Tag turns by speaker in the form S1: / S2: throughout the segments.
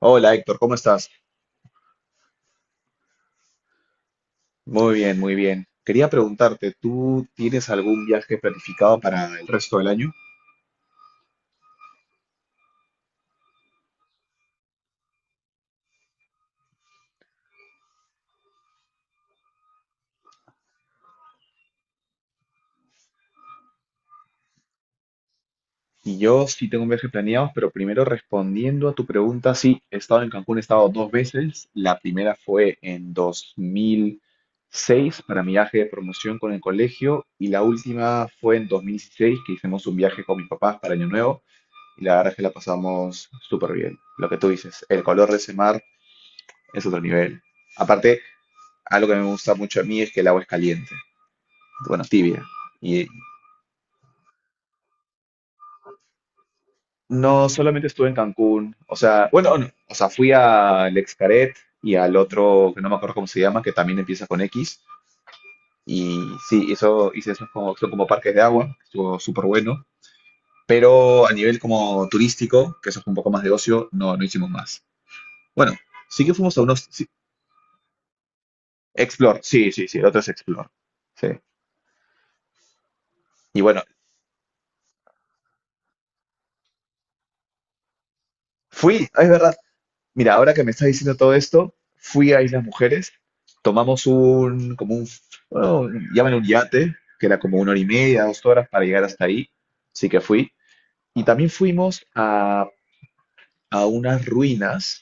S1: Hola Héctor, ¿cómo estás? Muy bien, muy bien. Quería preguntarte, ¿tú tienes algún viaje planificado para el resto del año? Y yo sí tengo un viaje planeado, pero primero respondiendo a tu pregunta, sí, he estado en Cancún, he estado dos veces. La primera fue en 2006 para mi viaje de promoción con el colegio y la última fue en 2016 que hicimos un viaje con mis papás para Año Nuevo y la verdad es que la pasamos súper bien. Lo que tú dices, el color de ese mar es otro nivel. Aparte, algo que me gusta mucho a mí es que el agua es caliente, bueno, tibia. Y no solamente estuve en Cancún, o sea, bueno, no, o sea, fui al Xcaret y al otro, que no me acuerdo cómo se llama, que también empieza con X. Y sí, eso hice esos como, son como parques de agua, estuvo súper bueno. Pero a nivel como turístico, que eso es un poco más de ocio, no, no hicimos más. Bueno, sí que fuimos a unos, sí, Explore, sí, sí, sí, el otro es Explore. Sí. Y bueno, fui, ah, es verdad. Mira, ahora que me estás diciendo todo esto, fui a Islas Mujeres, tomamos, como bueno, llaman un yate, que era como una hora y media, 2 horas para llegar hasta ahí, sí que fui. Y también fuimos a unas ruinas,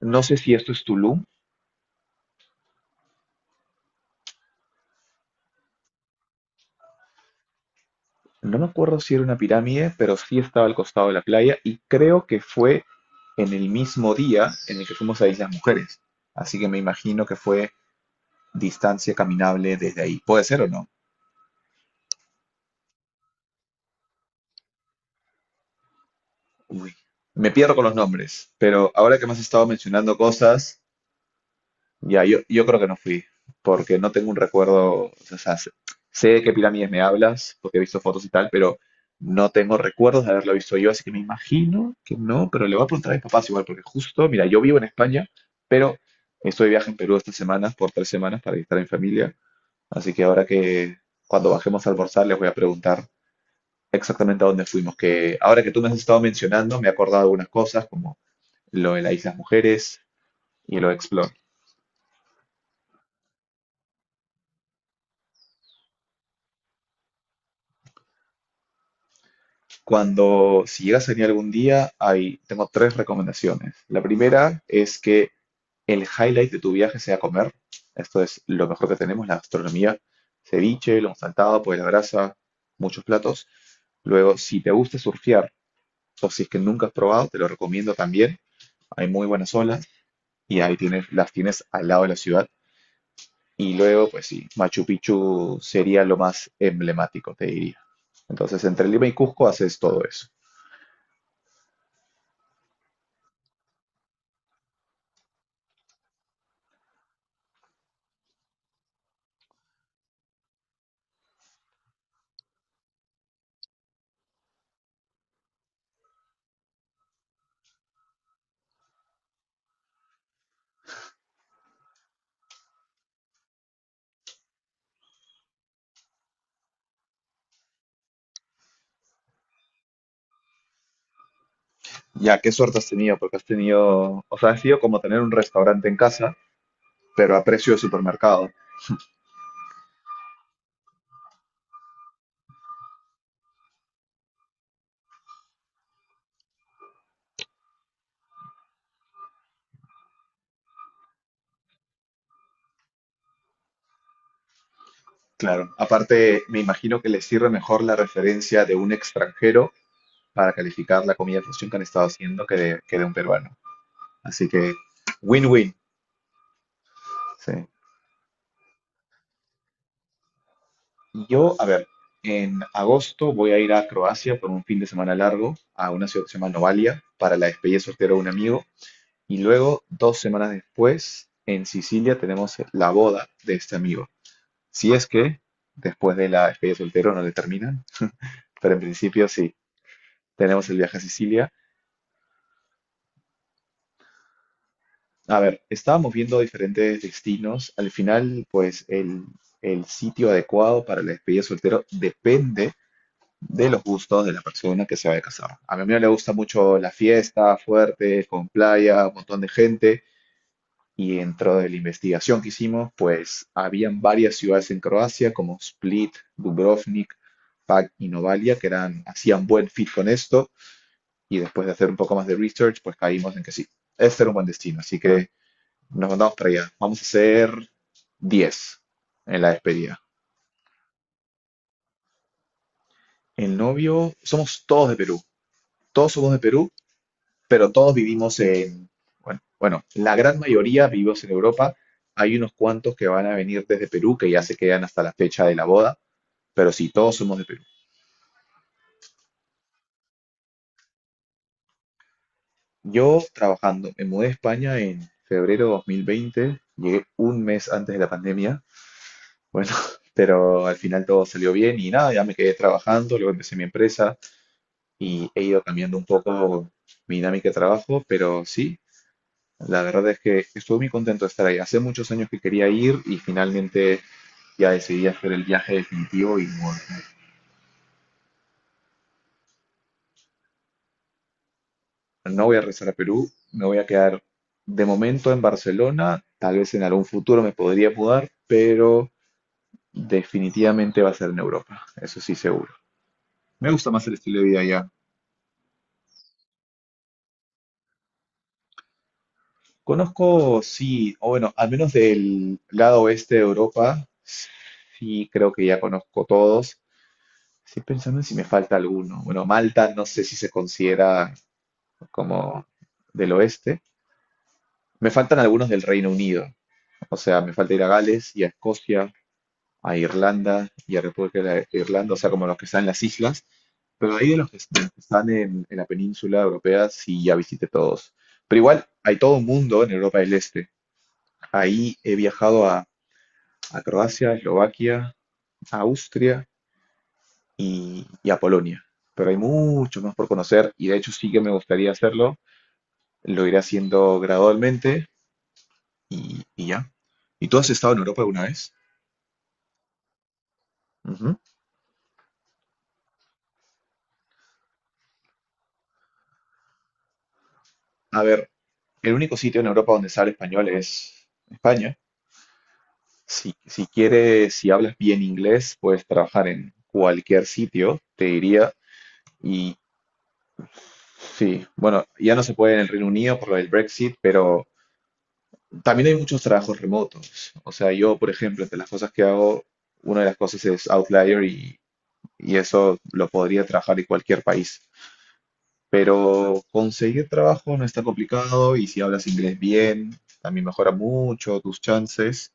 S1: no sé si esto es Tulum, no me acuerdo si era una pirámide, pero sí estaba al costado de la playa y creo que fue en el mismo día en el que fuimos a Islas Mujeres. Así que me imagino que fue distancia caminable desde ahí. ¿Puede ser o no? Uy, me pierdo con los nombres, pero ahora que me has estado mencionando cosas, ya, yo creo que no fui, porque no tengo un recuerdo, o sea, sé de qué pirámides me hablas, porque he visto fotos y tal, pero no tengo recuerdos de haberlo visto yo, así que me imagino que no, pero le voy a preguntar a mis papás igual, porque justo, mira, yo vivo en España, pero estoy de viaje en Perú estas semanas, por 3 semanas, para visitar a mi familia, así que ahora que cuando bajemos a almorzar les voy a preguntar exactamente a dónde fuimos, que ahora que tú me has estado mencionando, me he acordado de algunas cosas, como lo de la Isla Mujeres y lo de Explore. Cuando, si llegas a venir algún día, hay, tengo tres recomendaciones. La primera es que el highlight de tu viaje sea comer. Esto es lo mejor que tenemos, la gastronomía. Ceviche, lo saltado, pues la grasa, muchos platos. Luego, si te gusta surfear o si es que nunca has probado, te lo recomiendo también. Hay muy buenas olas y ahí tienes, las tienes al lado de la ciudad. Y luego, pues sí, Machu Picchu sería lo más emblemático, te diría. Entonces, entre Lima y Cusco haces todo eso. Ya, qué suerte has tenido, porque has tenido, o sea, ha sido como tener un restaurante en casa, pero a precio de supermercado. Claro, aparte me imagino que les sirve mejor la referencia de un extranjero para calificar la comida fusión que han estado haciendo que de un peruano. Así que, win-win. Sí. Yo, a ver, en agosto voy a ir a Croacia por un fin de semana largo, a una ciudad que se llama Novalia, para la despedida soltera de un amigo. Y luego, 2 semanas después, en Sicilia tenemos la boda de este amigo. Si es que después de la despedida de soltero no le terminan, pero en principio sí, tenemos el viaje a Sicilia. A ver, estábamos viendo diferentes destinos. Al final, pues el sitio adecuado para la despedida de soltero depende de los gustos de la persona que se vaya a casar. A mi amigo le gusta mucho la fiesta fuerte, con playa, un montón de gente. Y dentro de la investigación que hicimos, pues habían varias ciudades en Croacia como Split, Dubrovnik, Pag y Novalia que eran, hacían buen fit con esto. Y después de hacer un poco más de research, pues caímos en que sí, este era un buen destino. Así que nos mandamos para allá. Vamos a hacer 10 en la despedida. El novio, somos todos de Perú. Todos somos de Perú pero todos vivimos en, bueno, bueno, la gran mayoría vivimos en Europa. Hay unos cuantos que van a venir desde Perú, que ya se quedan hasta la fecha de la boda, pero sí, todos somos de Perú. Yo trabajando, me mudé a España en febrero de 2020, llegué un mes antes de la pandemia, bueno, pero al final todo salió bien y nada, ya me quedé trabajando, luego empecé mi empresa y he ido cambiando un poco mi dinámica de trabajo, pero sí, la verdad es que estuve muy contento de estar ahí. Hace muchos años que quería ir y finalmente ya decidí hacer el viaje definitivo y no, no voy a regresar a Perú, me voy a quedar de momento en Barcelona, tal vez en algún futuro me podría mudar, pero definitivamente va a ser en Europa, eso sí seguro. Me gusta más el estilo de vida allá. Conozco, sí, o bueno, al menos del lado oeste de Europa, sí creo que ya conozco todos. Estoy pensando en si me falta alguno. Bueno, Malta no sé si se considera como del oeste. Me faltan algunos del Reino Unido. O sea, me falta ir a Gales y a Escocia, a Irlanda y a República de Irlanda, o sea, como los que están en las islas. Pero ahí de los que están están en la península europea, sí ya visité todos. Pero igual hay todo un mundo en Europa del Este. Ahí he viajado a Croacia, Eslovaquia, a Austria y a Polonia. Pero hay mucho más por conocer y de hecho sí que me gustaría hacerlo. Lo iré haciendo gradualmente y ya. ¿Y tú has estado en Europa alguna vez? Ujú. A ver, el único sitio en Europa donde se habla español es España. Si quieres, si hablas bien inglés, puedes trabajar en cualquier sitio, te diría. Y sí, bueno, ya no se puede en el Reino Unido por lo del Brexit, pero también hay muchos trabajos remotos. O sea, yo, por ejemplo, entre las cosas que hago, una de las cosas es Outlier y eso lo podría trabajar en cualquier país. Pero conseguir trabajo no está complicado y si hablas inglés bien, también mejora mucho tus chances.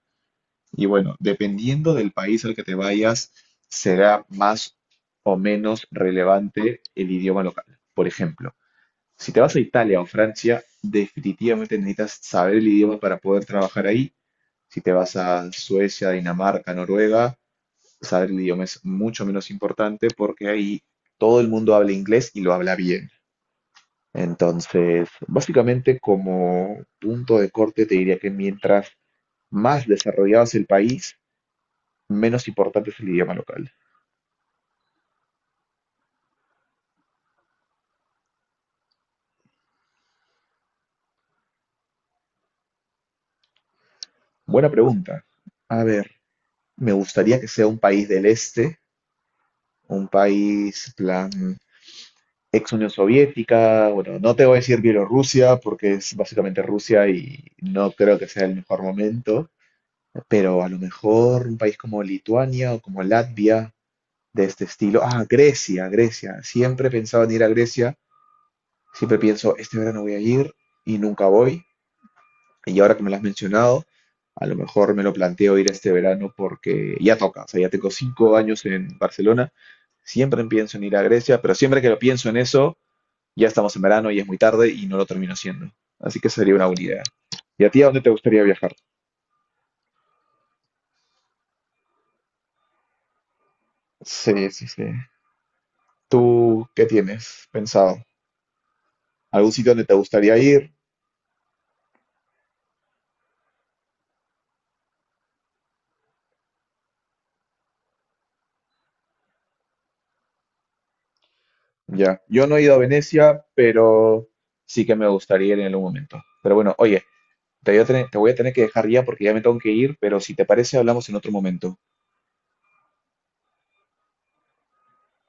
S1: Y bueno, dependiendo del país al que te vayas, será más o menos relevante el idioma local. Por ejemplo, si te vas a Italia o Francia, definitivamente necesitas saber el idioma para poder trabajar ahí. Si te vas a Suecia, Dinamarca, Noruega, saber el idioma es mucho menos importante porque ahí todo el mundo habla inglés y lo habla bien. Entonces, básicamente como punto de corte te diría que mientras más desarrollado es el país, menos importante es el idioma local. Buena pregunta. A ver, me gustaría que sea un país del este, un país plan ex Unión Soviética, bueno, no te voy a decir Bielorrusia porque es básicamente Rusia y no creo que sea el mejor momento, pero a lo mejor un país como Lituania o como Latvia de este estilo. Ah, Grecia, Grecia. Siempre he pensado en ir a Grecia, siempre pienso, este verano voy a ir y nunca voy. Y ahora que me lo has mencionado, a lo mejor me lo planteo ir este verano porque ya toca. O sea, ya tengo 5 años en Barcelona. Siempre pienso en ir a Grecia, pero siempre que lo pienso en eso, ya estamos en verano y es muy tarde y no lo termino haciendo. Así que sería una buena idea. ¿Y a ti a dónde te gustaría viajar? Sí, sí, sí. ¿Tú qué tienes pensado? ¿Algún sitio donde te gustaría ir? Ya. Yo no he ido a Venecia, pero sí que me gustaría ir en algún momento. Pero bueno, oye, te voy a tener que dejar ya porque ya me tengo que ir, pero si te parece, hablamos en otro momento.